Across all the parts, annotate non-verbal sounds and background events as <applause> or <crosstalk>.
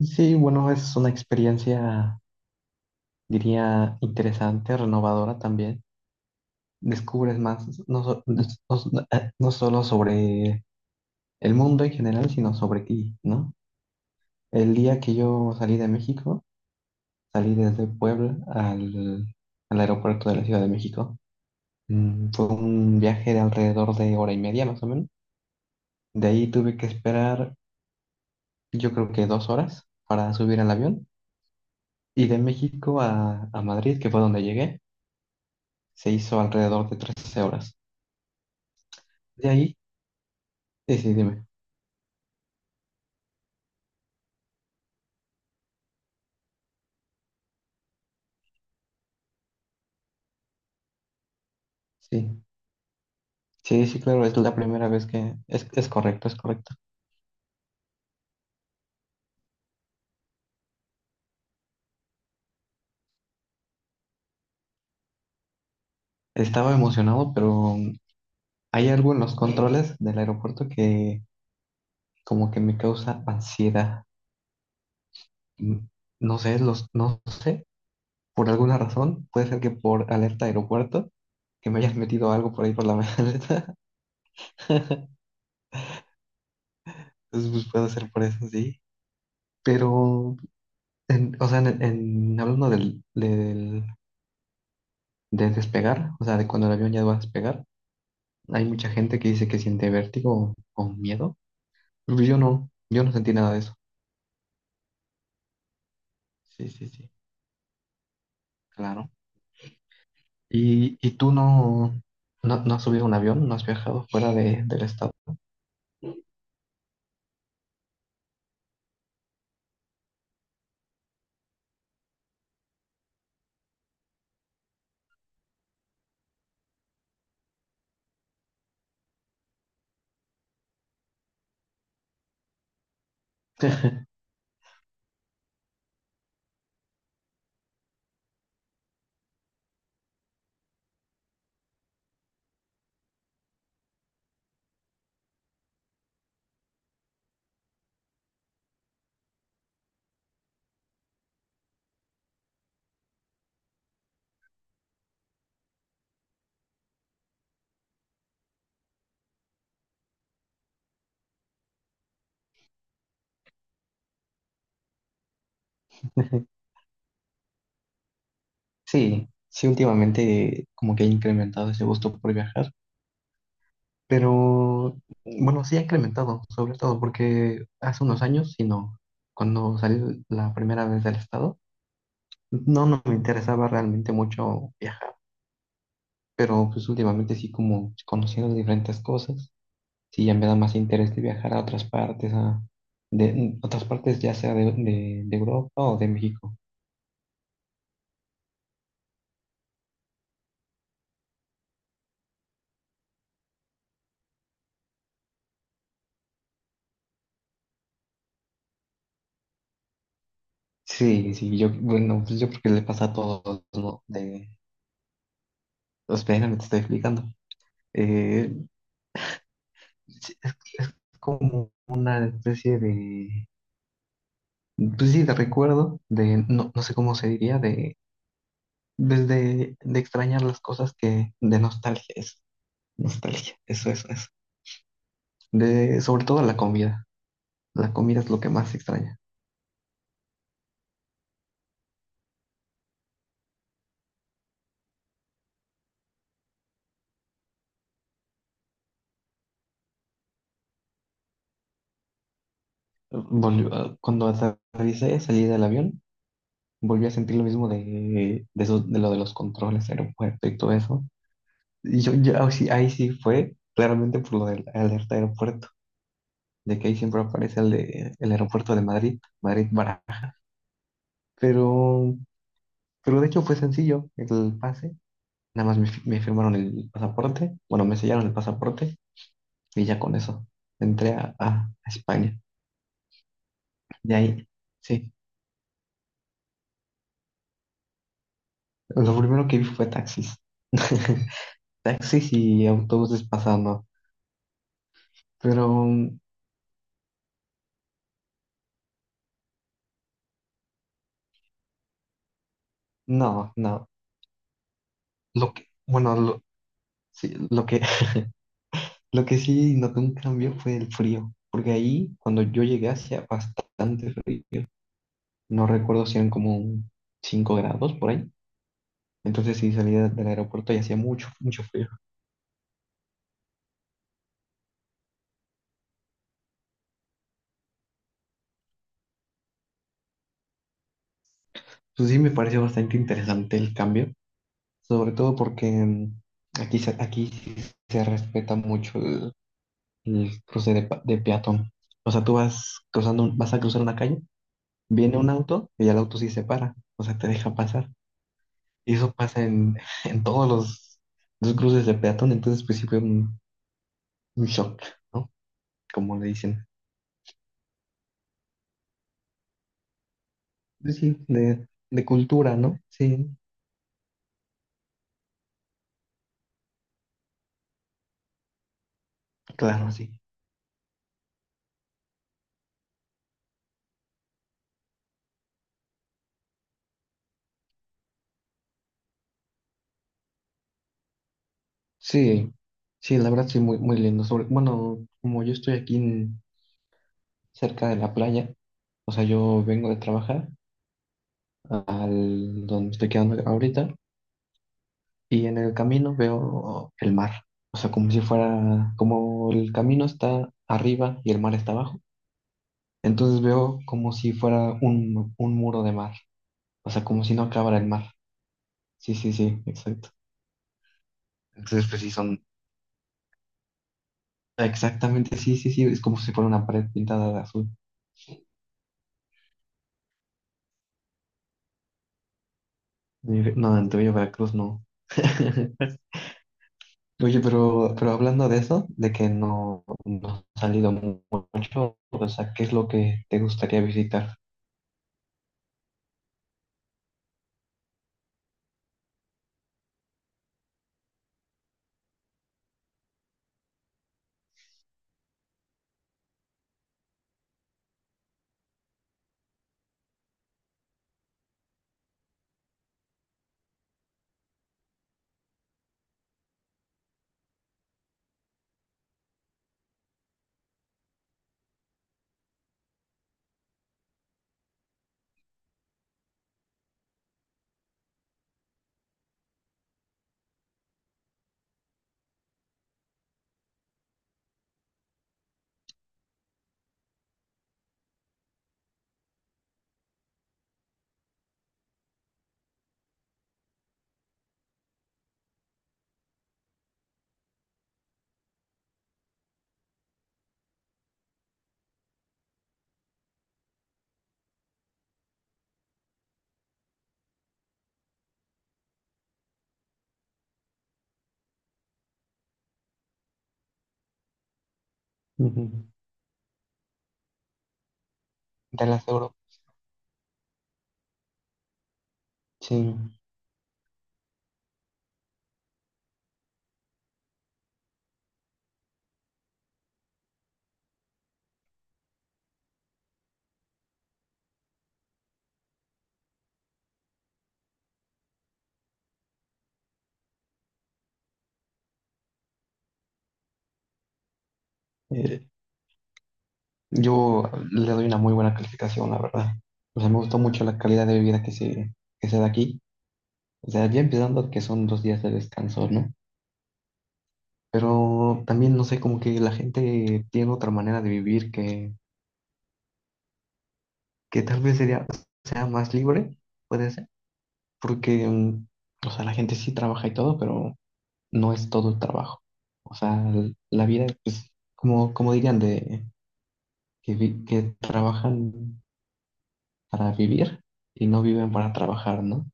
Sí, bueno, es una experiencia, diría, interesante, renovadora también. Descubres más, no, no solo sobre el mundo en general, sino sobre ti, ¿no? El día que yo salí de México, salí desde Puebla al aeropuerto de la Ciudad de México. Fue un viaje de alrededor de 1 hora y media, más o menos. De ahí tuve que esperar, yo creo que 2 horas para subir al avión. Y de México a Madrid, que fue donde llegué. Se hizo alrededor de 13 horas. De ahí, sí, sí, dime. Sí, sí, sí, claro, es la primera vez que... es correcto, es correcto. Estaba emocionado, pero hay algo en los controles del aeropuerto que como que me causa ansiedad. Mm, No sé, no sé, por alguna razón, puede ser que por alerta aeropuerto, que me hayas metido algo por ahí por la <laughs> maleta. Entonces, pues puede ser por eso, sí. Pero, hablando del de despegar, o sea, de cuando el avión ya va a despegar. Hay mucha gente que dice que siente vértigo o miedo. Pues yo no, yo no sentí nada de eso. Sí, sí, sí, claro. Y tú no, no has subido un avión? ¿No has viajado fuera de, del estado? <laughs> Sí, sí, últimamente como que ha incrementado ese gusto por viajar, pero bueno, sí ha incrementado, sobre todo porque hace unos años, si no, cuando salí la primera vez del estado, no, no me interesaba realmente mucho viajar. Pero pues últimamente sí como conociendo diferentes cosas, sí ya me da más interés de viajar a otras partes, otras partes ya sea de Europa o de México. Sí, sí, yo, bueno, pues yo creo que le pasa a todos, ¿no? De, espera, me te estoy explicando. Eh, sí, es como una especie de, pues sí, de recuerdo, de, no, no sé cómo se diría, de extrañar las cosas que, de nostalgia, es nostalgia, eso, eso, eso. De, sobre todo la comida. La comida es lo que más extraña. Cuando aterricé, salí del avión, volví a sentir lo mismo de lo de los controles, aeropuerto y todo eso. Y yo ahí sí fue claramente por lo del alerta aeropuerto, de que ahí siempre aparece el aeropuerto de Madrid, Madrid Baraja. Pero, pero de hecho fue sencillo el pase. Nada más me firmaron el pasaporte, bueno, me sellaron el pasaporte y ya con eso entré a España. De ahí. Sí, lo primero que vi fue taxis. <laughs> Taxis y autobuses pasando. Pero mm, no, no. Lo que, bueno, lo, sí, lo que, <laughs> lo que sí noté un cambio fue el frío. Porque ahí, cuando yo llegué, hacía bastante frío. No recuerdo si eran como un 5 grados por ahí. Entonces sí salía del aeropuerto y hacía mucho, mucho frío. Entonces sí me pareció bastante interesante el cambio. Sobre todo porque mm, aquí sí se respeta mucho el cruce de peatón. O sea, tú vas cruzando, vas a cruzar una calle, viene un auto y el auto sí se para, o sea, te deja pasar. Y eso pasa <laughs> en todos los cruces de peatón, entonces pues sí fue un shock, ¿no? Como le dicen. Pues, sí, de cultura, ¿no? Sí, claro, sí. Sí, sí, la verdad sí, muy, muy lindo. Bueno, como yo estoy aquí en cerca de la playa, o sea, yo vengo de trabajar al donde me estoy quedando ahorita, y en el camino veo el mar. O sea, como si fuera, como el camino está arriba y el mar está abajo. Entonces veo como si fuera un muro de mar. O sea, como si no acabara el mar. Sí, sí, sí, exacto. Entonces, pues sí, son... Exactamente, sí, sí, sí. Es como si fuera una pared pintada de azul. Y dije, no, en tu Villa Veracruz no. <laughs> Oye, pero hablando de eso, de que no, no has salido mucho, o sea, ¿qué es lo que te gustaría visitar? Ujú. De las Europas. Sí, eh, yo le doy una muy buena calificación, la verdad. O sea, me gustó mucho la calidad de vida que se da aquí. O sea, ya empezando que son 2 días de descanso, ¿no? Pero también, no sé, como que la gente tiene otra manera de vivir que tal vez sería, sea más libre, puede ser. Porque, mm, o sea, la gente sí trabaja y todo, pero no es todo el trabajo. O sea, la vida, pues, como, como dirían, que trabajan para vivir y no viven para trabajar, ¿no?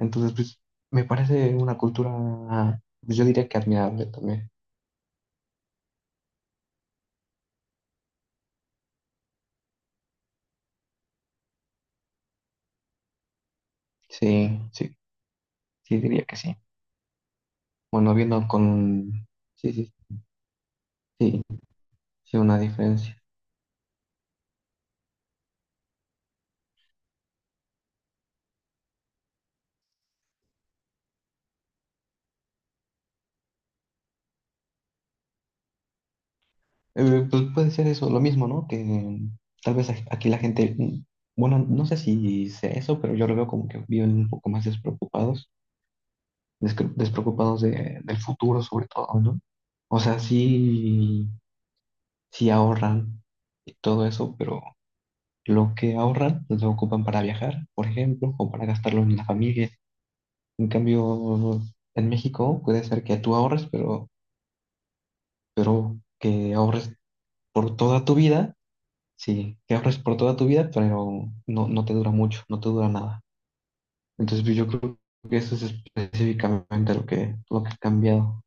Entonces, pues, me parece una cultura, pues yo diría que admirable también. Sí, sí, sí, diría que sí. Bueno, viendo con, sí, sí, sí, sí, una diferencia. Pues puede ser eso, lo mismo, ¿no? Que tal vez aquí la gente, mm, bueno, no sé si sea eso, pero yo lo veo como que viven un poco más despreocupados, despreocupados del futuro sobre todo, ¿no? O sea, sí, sí ahorran y todo eso, pero lo que ahorran pues, lo ocupan para viajar, por ejemplo, o para gastarlo en la familia. En cambio, en México puede ser que tú ahorres, pero que ahorres por toda tu vida. Sí, que ahorres por toda tu vida, pero no, no te dura mucho, no te dura nada. Entonces, pues, yo creo que eso es específicamente lo que ha cambiado.